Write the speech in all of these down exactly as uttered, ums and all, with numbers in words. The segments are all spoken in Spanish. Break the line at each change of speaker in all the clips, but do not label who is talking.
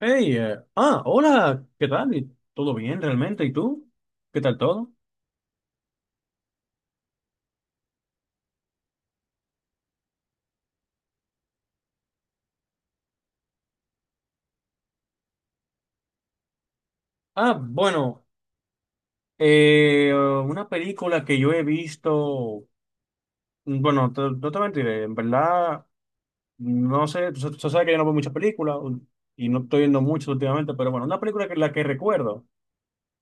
Hey, eh, ah, hola, ¿qué tal? ¿Y ¿Todo bien realmente? ¿Y tú? ¿Qué tal todo? Ah, bueno, eh, una película que yo he visto, bueno, te- no te mentiré, en verdad, no sé, tú, sa- tú sabes que yo no veo muchas películas y no estoy viendo mucho últimamente, pero bueno, una película que la que recuerdo,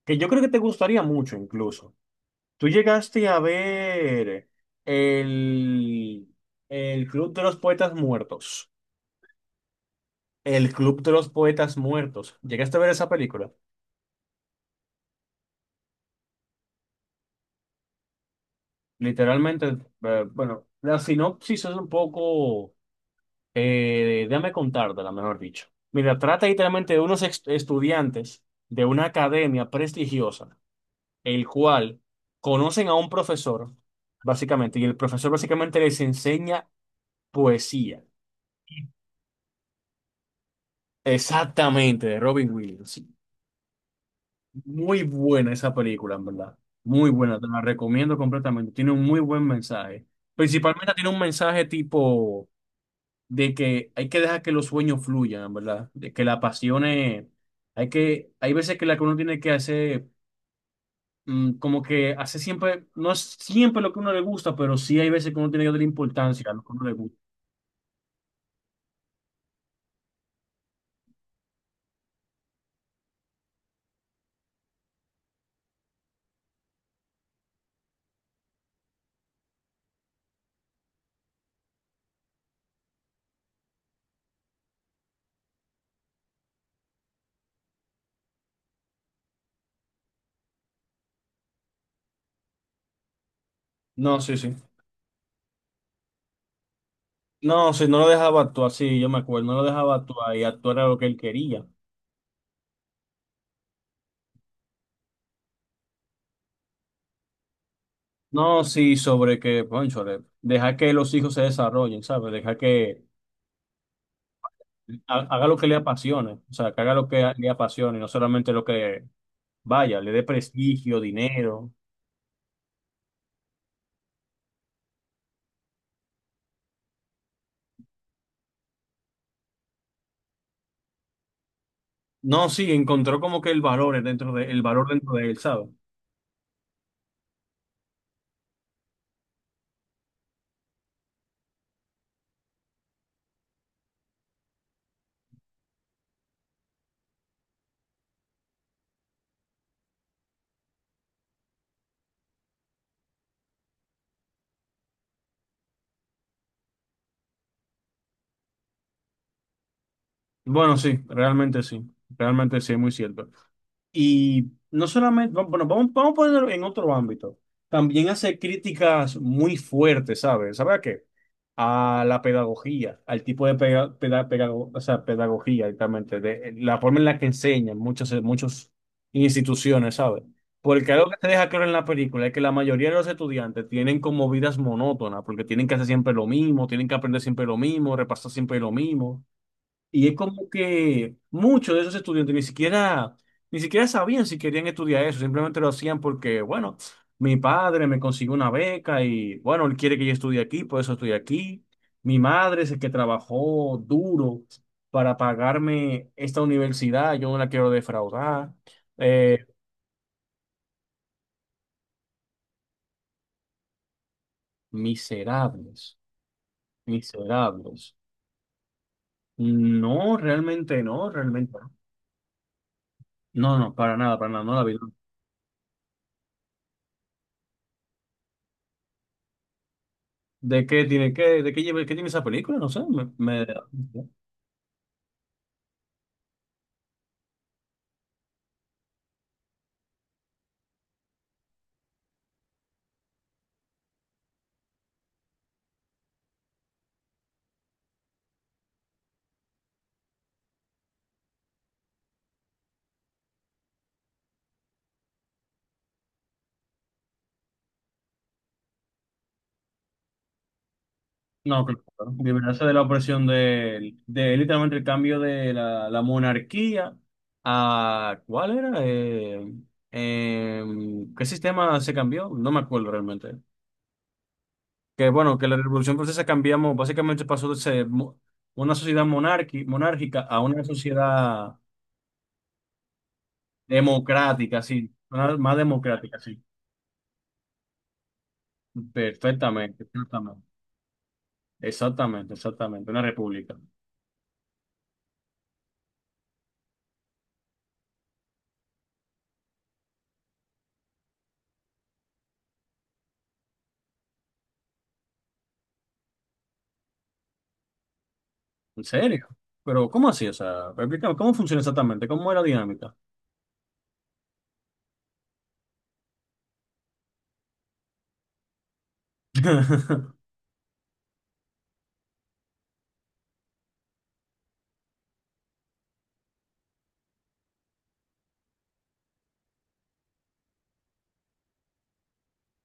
que yo creo que te gustaría mucho incluso. Tú llegaste a ver el, el Club de los Poetas Muertos. El Club de los Poetas Muertos. ¿Llegaste a ver esa película? Literalmente, eh, bueno, la sinopsis es un poco, eh, déjame contártela, mejor dicho. Mira, trata literalmente de unos ex- estudiantes de una academia prestigiosa, el cual conocen a un profesor, básicamente, y el profesor básicamente les enseña poesía. Exactamente, de Robin Williams. Muy buena esa película, en verdad. Muy buena, te la recomiendo completamente. Tiene un muy buen mensaje. Principalmente tiene un mensaje tipo de que hay que dejar que los sueños fluyan, en verdad. De que las pasiones, hay que, hay veces que la que uno tiene que hacer, mm, como que hace siempre, no es siempre lo que a uno le gusta, pero sí hay veces que uno tiene que darle importancia a lo que a uno le gusta. No, sí, sí. No, sí, no lo dejaba actuar, sí, yo me acuerdo, no lo dejaba actuar y actuar era lo que él quería. No, sí, sobre que, cónchale, deja que los hijos se desarrollen, ¿sabes? Deja que ha- haga lo que le apasione, o sea, que haga lo que le apasione, no solamente lo que vaya, le dé prestigio, dinero. No, sí, encontró como que el valor dentro de, el valor dentro de él, ¿sabes? Bueno, sí, realmente sí, realmente sí, es muy cierto. Y no solamente, va- bueno, vamos, vamos a ponerlo en otro ámbito. También hace críticas muy fuertes, ¿sabes? ¿Sabes a qué? A la pedagogía, al tipo de peda- peda- pedago- o sea, pedagogía, exactamente, de la forma en la que enseñan muchas, muchas instituciones, ¿sabes? Porque algo que te deja claro en la película es que la mayoría de los estudiantes tienen como vidas monótonas, porque tienen que hacer siempre lo mismo, tienen que aprender siempre lo mismo, repasar siempre lo mismo. Y es como que muchos de esos estudiantes ni siquiera, ni siquiera sabían si querían estudiar eso, simplemente lo hacían porque, bueno, mi padre me consiguió una beca y, bueno, él quiere que yo estudie aquí, por eso estoy aquí. Mi madre es el que trabajó duro para pagarme esta universidad, yo no la quiero defraudar. Eh, Miserables, miserables. No, realmente no, realmente no. No, no, para nada, para nada, no la vi. ¿De qué tiene, qué, de qué, lleva- qué tiene esa película? No sé. Me, me- no, claro. Liberarse de la opresión de, de literalmente el cambio de la, la monarquía a... ¿Cuál era? Eh, em, ¿qué sistema se cambió? No me acuerdo realmente. Que bueno, que la Revolución Francesa cambiamos, básicamente pasó de ser mo- una sociedad monarqui- monárquica a una sociedad democrática, sí. Una- más democrática, sí. Perfectamente, exactamente. Exactamente, exactamente. Una república. ¿En serio? Pero, ¿cómo así? O sea, explícame, ¿cómo funciona exactamente? ¿Cómo era la dinámica?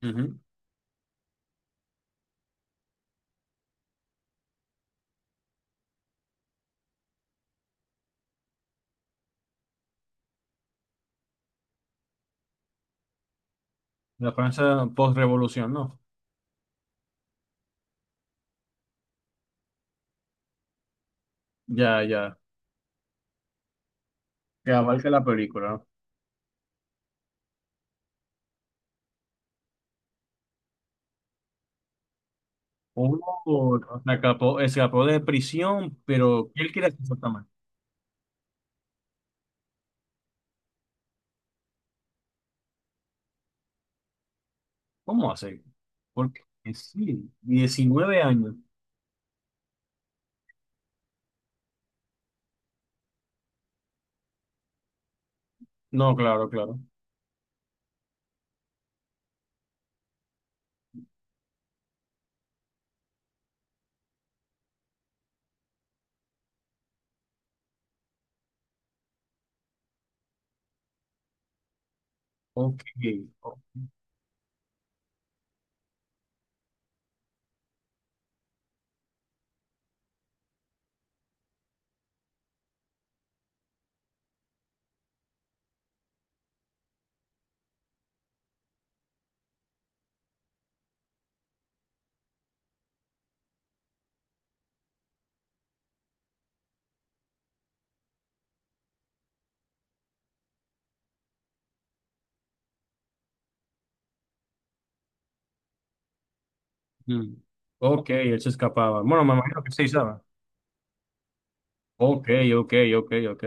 Ujú. La Francia post-revolución, ¿no? Ya, ya. Que abarca la película. Uno se escapó, escapó de prisión, pero ¿qué él quiere hacer exactamente? ¿Cómo hace? Porque sí, diecinueve años. No, claro, claro. Ok. Mm. Ok, él se escapaba. Bueno, me imagino que sí, ¿sabes? Ok, ok, ok, ok.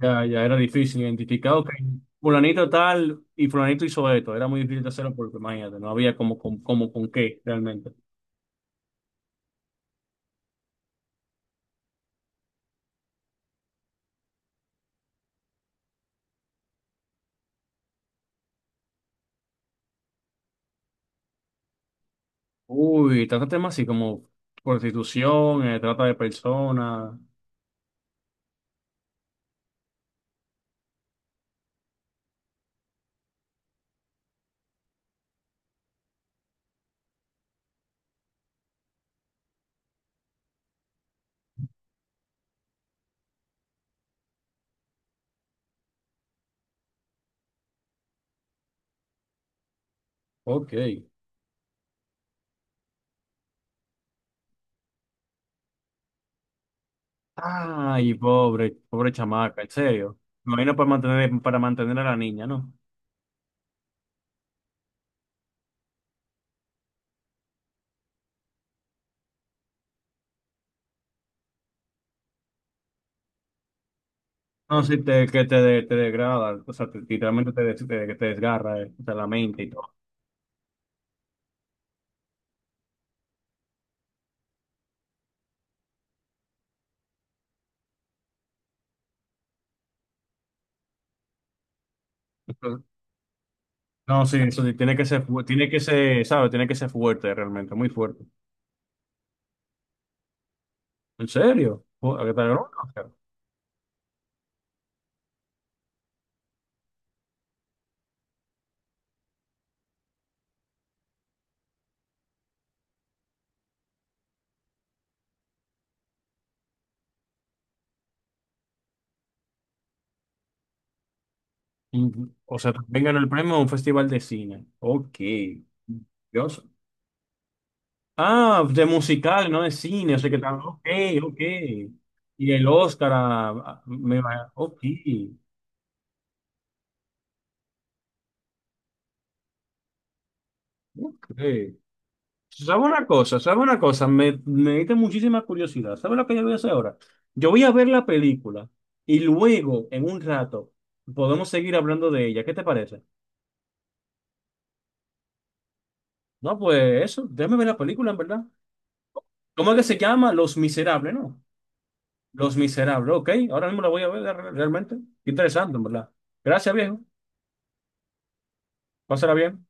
Ya, ya era difícil identificar, que fulanito tal y fulanito hizo esto. Era muy difícil de hacerlo porque, imagínate, no había como, como, como con qué realmente. Uy, trata temas así como prostitución, eh, trata de personas. Ok. Ay, pobre, pobre chamaca, en serio. Me imagino para mantener, para mantener a la niña, ¿no? No, sí, te, que te, de- te degrada, o sea, te- literalmente te, des- te, te desgarra, eh, o sea, la mente y todo. Entonces, no, sí, eso sí, tiene que ser, fu- tiene que ser, ¿sabes? Tiene que ser fuerte, realmente, muy fuerte. ¿En serio? Oh, ¿a qué tal? No, no, no. O sea, también ganó el premio a un festival de cine. Ok. Dios. Ah, de musical, no de cine. O sea que tal. Ok, ok. Y el Oscar, a- a- me va. Ok. Ok. ¿Sabe una cosa? ¿Sabe una cosa? Me, me diste muchísima curiosidad. ¿Sabe lo que yo voy a hacer ahora? Yo voy a ver la película y luego, en un rato, podemos seguir hablando de ella. ¿Qué te parece? No, pues eso. Déjame ver la película, en verdad. ¿Cómo es que se llama? Los Miserables, ¿no? Los Miserables, ok. Ahora mismo la voy a ver realmente. Interesante, en verdad. Gracias, viejo. Pásala bien.